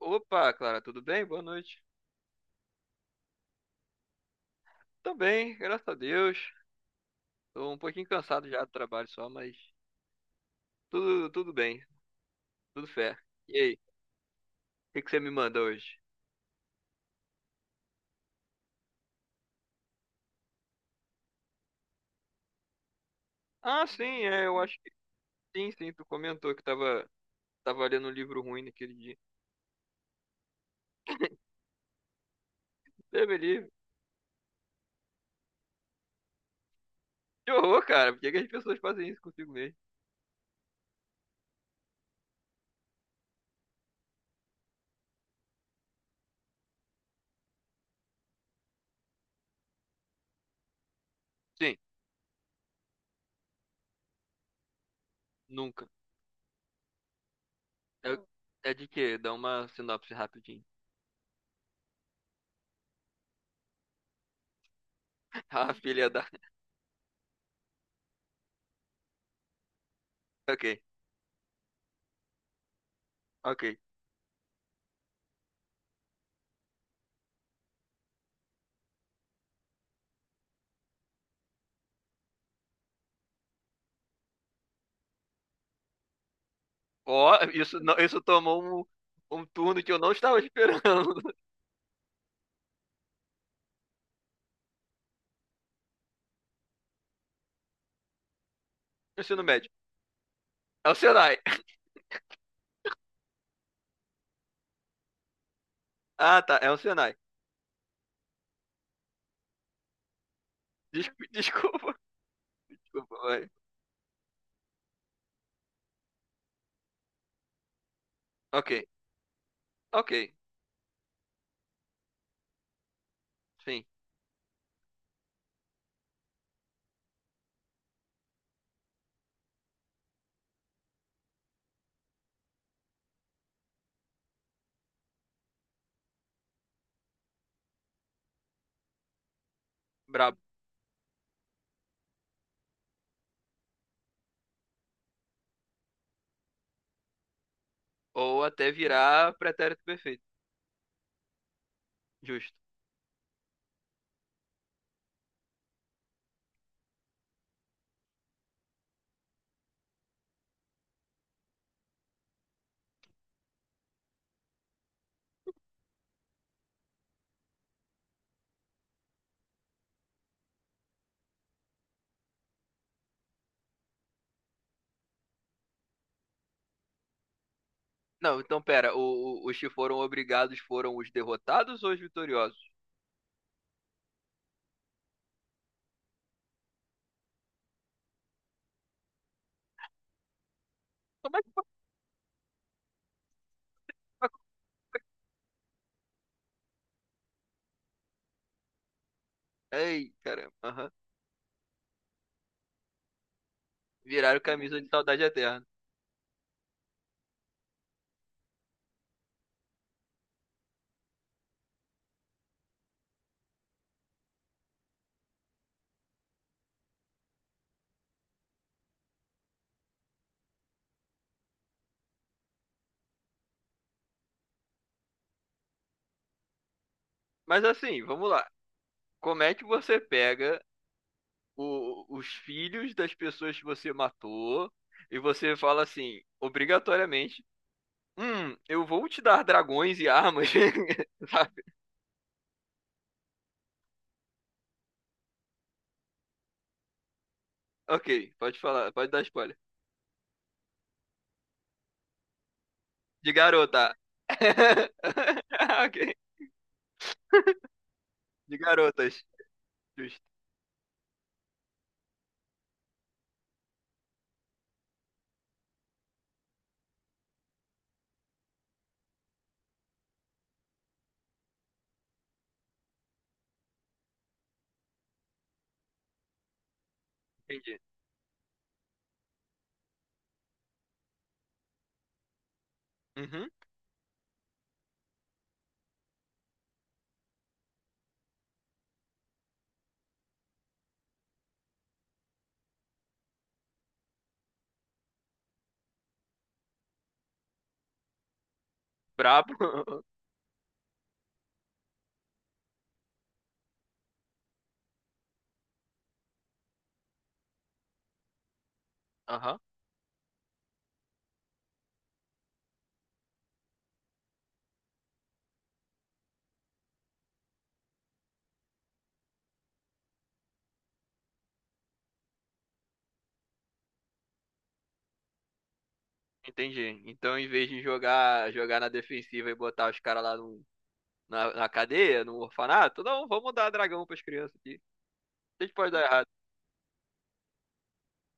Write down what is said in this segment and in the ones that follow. Opa, Clara, tudo bem? Boa noite. Também, graças a Deus. Tô um pouquinho cansado já do trabalho só, mas tudo bem, tudo fé. E aí, o que que você me manda hoje? Ah, sim, eu acho que sim, sim. Tu comentou que tava lendo um livro ruim naquele dia. Deus me livre. Que horror, cara. Por que que as pessoas fazem isso consigo mesmo? Sim, nunca. É, é de quê? Dá uma sinopse rapidinho. Ah, filha da. Ok, ok. Ó, isso, não- isso tomou um turno que eu não estava esperando. Ensino médio. É o Senai. Ah, tá. É o Senai. Desculpa, desculpa. Desculpa, vai. Ok. Ok. Sim. Brabo. Ou até virar pretérito perfeito. Justo. Não, então pera. Os que foram obrigados foram os derrotados ou os vitoriosos? Como é que... Ei, caramba. Aham. Viraram camisa de saudade eterna. Mas assim, vamos lá. Como é que você pega os filhos das pessoas que você matou e você fala assim, obrigatoriamente, hum, eu vou te dar dragões e armas, sabe? Ok, pode falar, pode dar spoiler. De garota. Ok, de garotas. Justo, entendi. Uhum, brabo. Aham, entendi. Então, em vez de jogar, jogar na defensiva e botar os caras lá no, na cadeia, no orfanato, não, vamos dar dragão pras crianças aqui. A gente pode dar errado.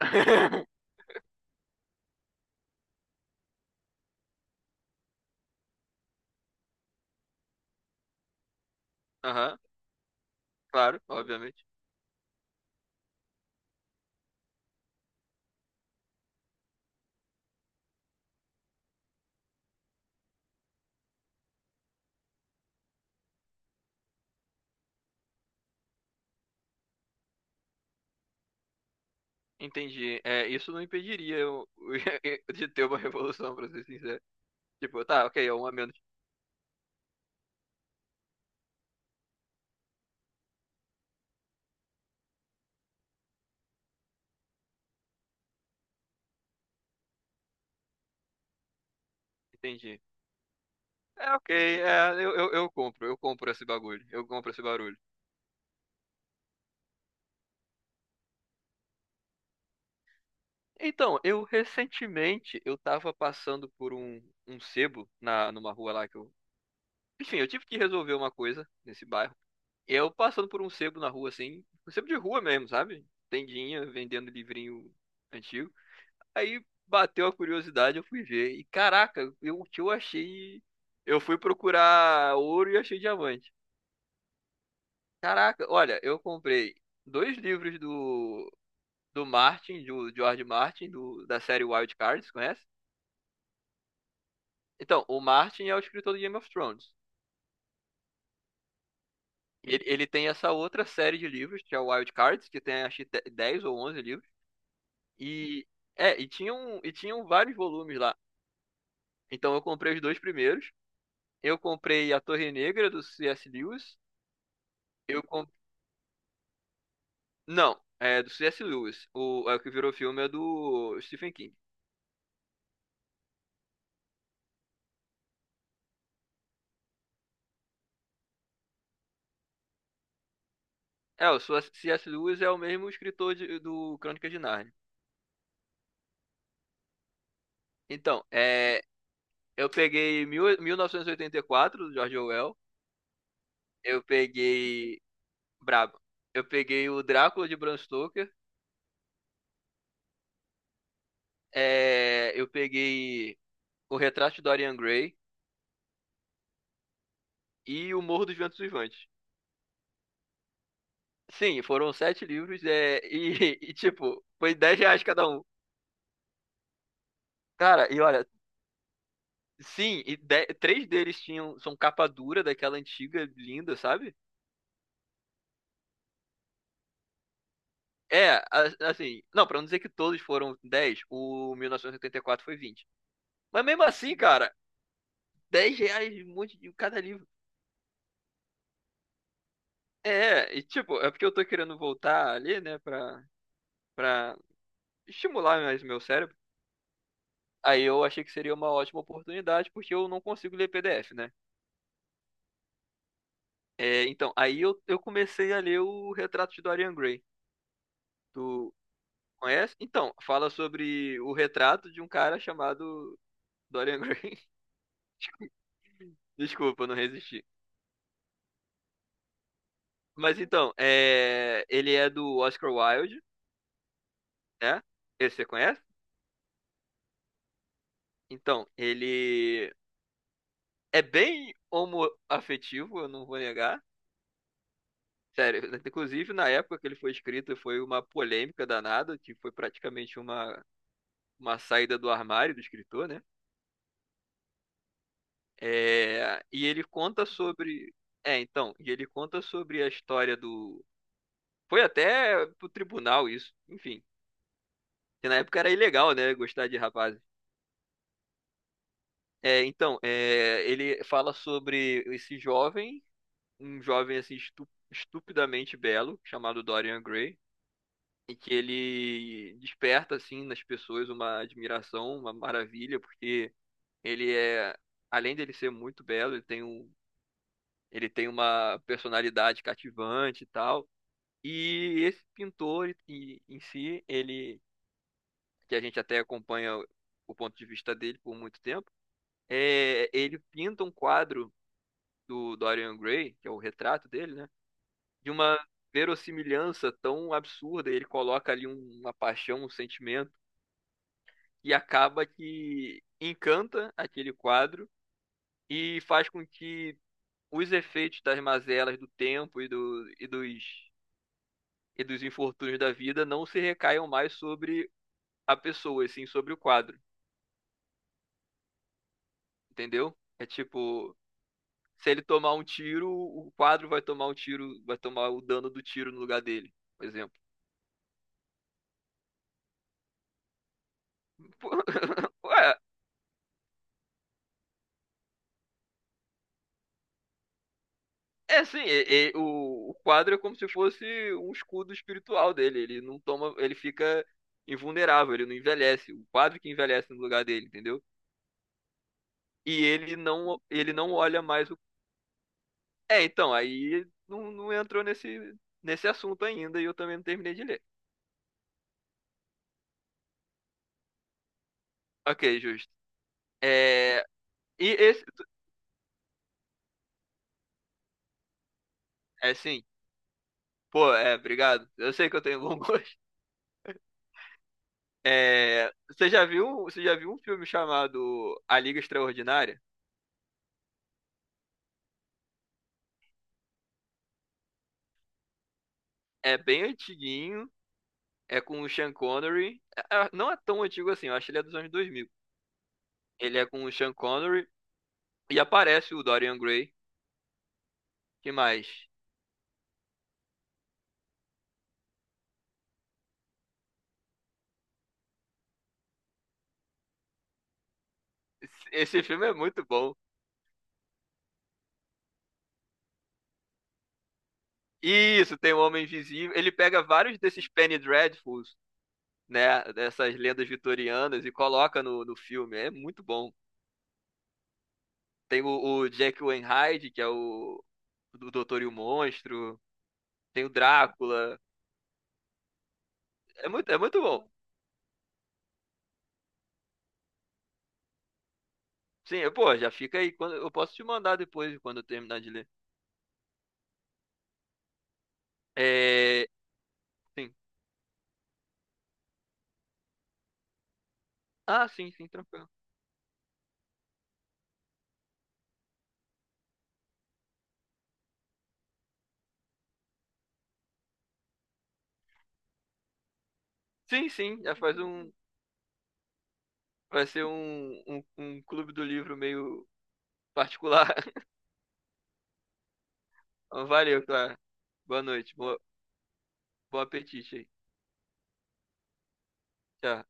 Aham, claro, obviamente. Entendi. É, isso não impediria eu, de ter uma revolução, pra ser sincero. Tipo, tá, ok, é um a menos. Entendi. É, ok, eu compro, eu compro esse bagulho, eu compro esse barulho. Então, eu recentemente, eu tava passando por um sebo na, numa rua lá que eu... Enfim, eu tive que resolver uma coisa nesse bairro. Eu passando por um sebo na rua, assim, um sebo de rua mesmo, sabe? Tendinha, vendendo livrinho antigo. Aí bateu a curiosidade, eu fui ver. E caraca, eu, o que eu achei... Eu fui procurar ouro e achei diamante. Caraca, olha, eu comprei 2 livros do Martin, do George Martin, do, da série Wild Cards, conhece? Então, o Martin é o escritor do Game of Thrones. Ele tem essa outra série de livros, que é o Wild Cards, que tem acho que 10 ou 11 livros. E, e tinham vários volumes lá. Então eu comprei os dois primeiros. Eu comprei A Torre Negra, do C.S. Lewis. Eu comp... Não, é do C.S. Lewis. O, é o que virou filme é do Stephen King. É, o C.S. Lewis é o mesmo escritor do Crônicas de Nárnia. Então, eu peguei 1984, do George Orwell. Eu peguei... Brabo. Eu peguei o Drácula de Bram Stoker. Eu peguei o Retrato de Dorian Gray e o Morro dos Ventos Uivantes. Sim, foram 7 livros e, tipo, foi 10 reais cada um. Cara, e olha, sim, e 3 deles tinham, são capa dura daquela antiga, linda, sabe? É, assim, não, pra não dizer que todos foram 10. O 1984 foi 20. Mas mesmo assim, cara, 10 reais um monte de cada livro. É, e tipo, é porque eu tô querendo voltar ali, né, pra estimular mais o meu cérebro. Aí eu achei que seria uma ótima oportunidade, porque eu não consigo ler PDF, né? É, então, aí eu comecei a ler o Retrato de Dorian Gray. Tu conhece? Então, fala sobre o retrato de um cara chamado Dorian Gray. Desculpa, eu não resisti. Mas então, ele é do Oscar Wilde, né? Esse você conhece? Então, ele é bem homoafetivo, eu não vou negar. Sério, inclusive na época que ele foi escrito foi uma polêmica danada, que foi praticamente uma saída do armário do escritor, né? É, e ele conta sobre. É, então, e ele conta sobre a história do. Foi até pro tribunal isso, enfim. Que na época era ilegal, né? Gostar de rapazes. É, então, ele fala sobre esse jovem, um jovem assim estupidamente belo, chamado Dorian Gray, e que ele desperta assim nas pessoas uma admiração, uma maravilha, porque ele é, além dele ser muito belo, ele tem um, ele tem uma personalidade cativante e tal. E esse pintor em si, que a gente até acompanha o ponto de vista dele por muito tempo, ele pinta um quadro do Dorian Gray, que é o retrato dele, né? De uma verossimilhança tão absurda, ele coloca ali uma paixão, um sentimento, e acaba que encanta aquele quadro e faz com que os efeitos das mazelas do tempo e dos infortúnios da vida não se recaiam mais sobre a pessoa, e sim sobre o quadro, entendeu? É tipo, se ele tomar um tiro, o quadro vai tomar um tiro, vai tomar o dano do tiro no lugar dele, por exemplo. Ué, é assim, o quadro é como se fosse um escudo espiritual dele. Ele não toma, ele fica invulnerável, ele não envelhece. O quadro que envelhece no lugar dele, entendeu? E ele não olha mais o. É, então, aí não entrou nesse assunto ainda e eu também não terminei de ler. Ok, justo. É, e esse, é sim. Pô, obrigado. Eu sei que eu tenho bom gosto. É, você já viu um filme chamado A Liga Extraordinária? É bem antiguinho. É com o Sean Connery. Não é tão antigo assim, eu acho que ele é dos anos 2000. Ele é com o Sean Connery e aparece o Dorian Gray. Que mais? Esse filme é muito bom. Isso, tem o Homem Invisível. Ele pega vários desses Penny Dreadfuls, né? Dessas lendas vitorianas e coloca no filme. É muito bom. Tem o Jack Wainwright, que é o do Doutor e o Monstro. Tem o Drácula. É muito bom. Sim, pô, já fica aí. Quando, eu posso te mandar depois, quando eu terminar de ler. É, sim. Ah, sim, sim, tranquilo. Sim, sim, já faz um. Vai ser um clube do livro meio particular. Valeu, Clara. Boa noite, boa, bom apetite aí. Tchau.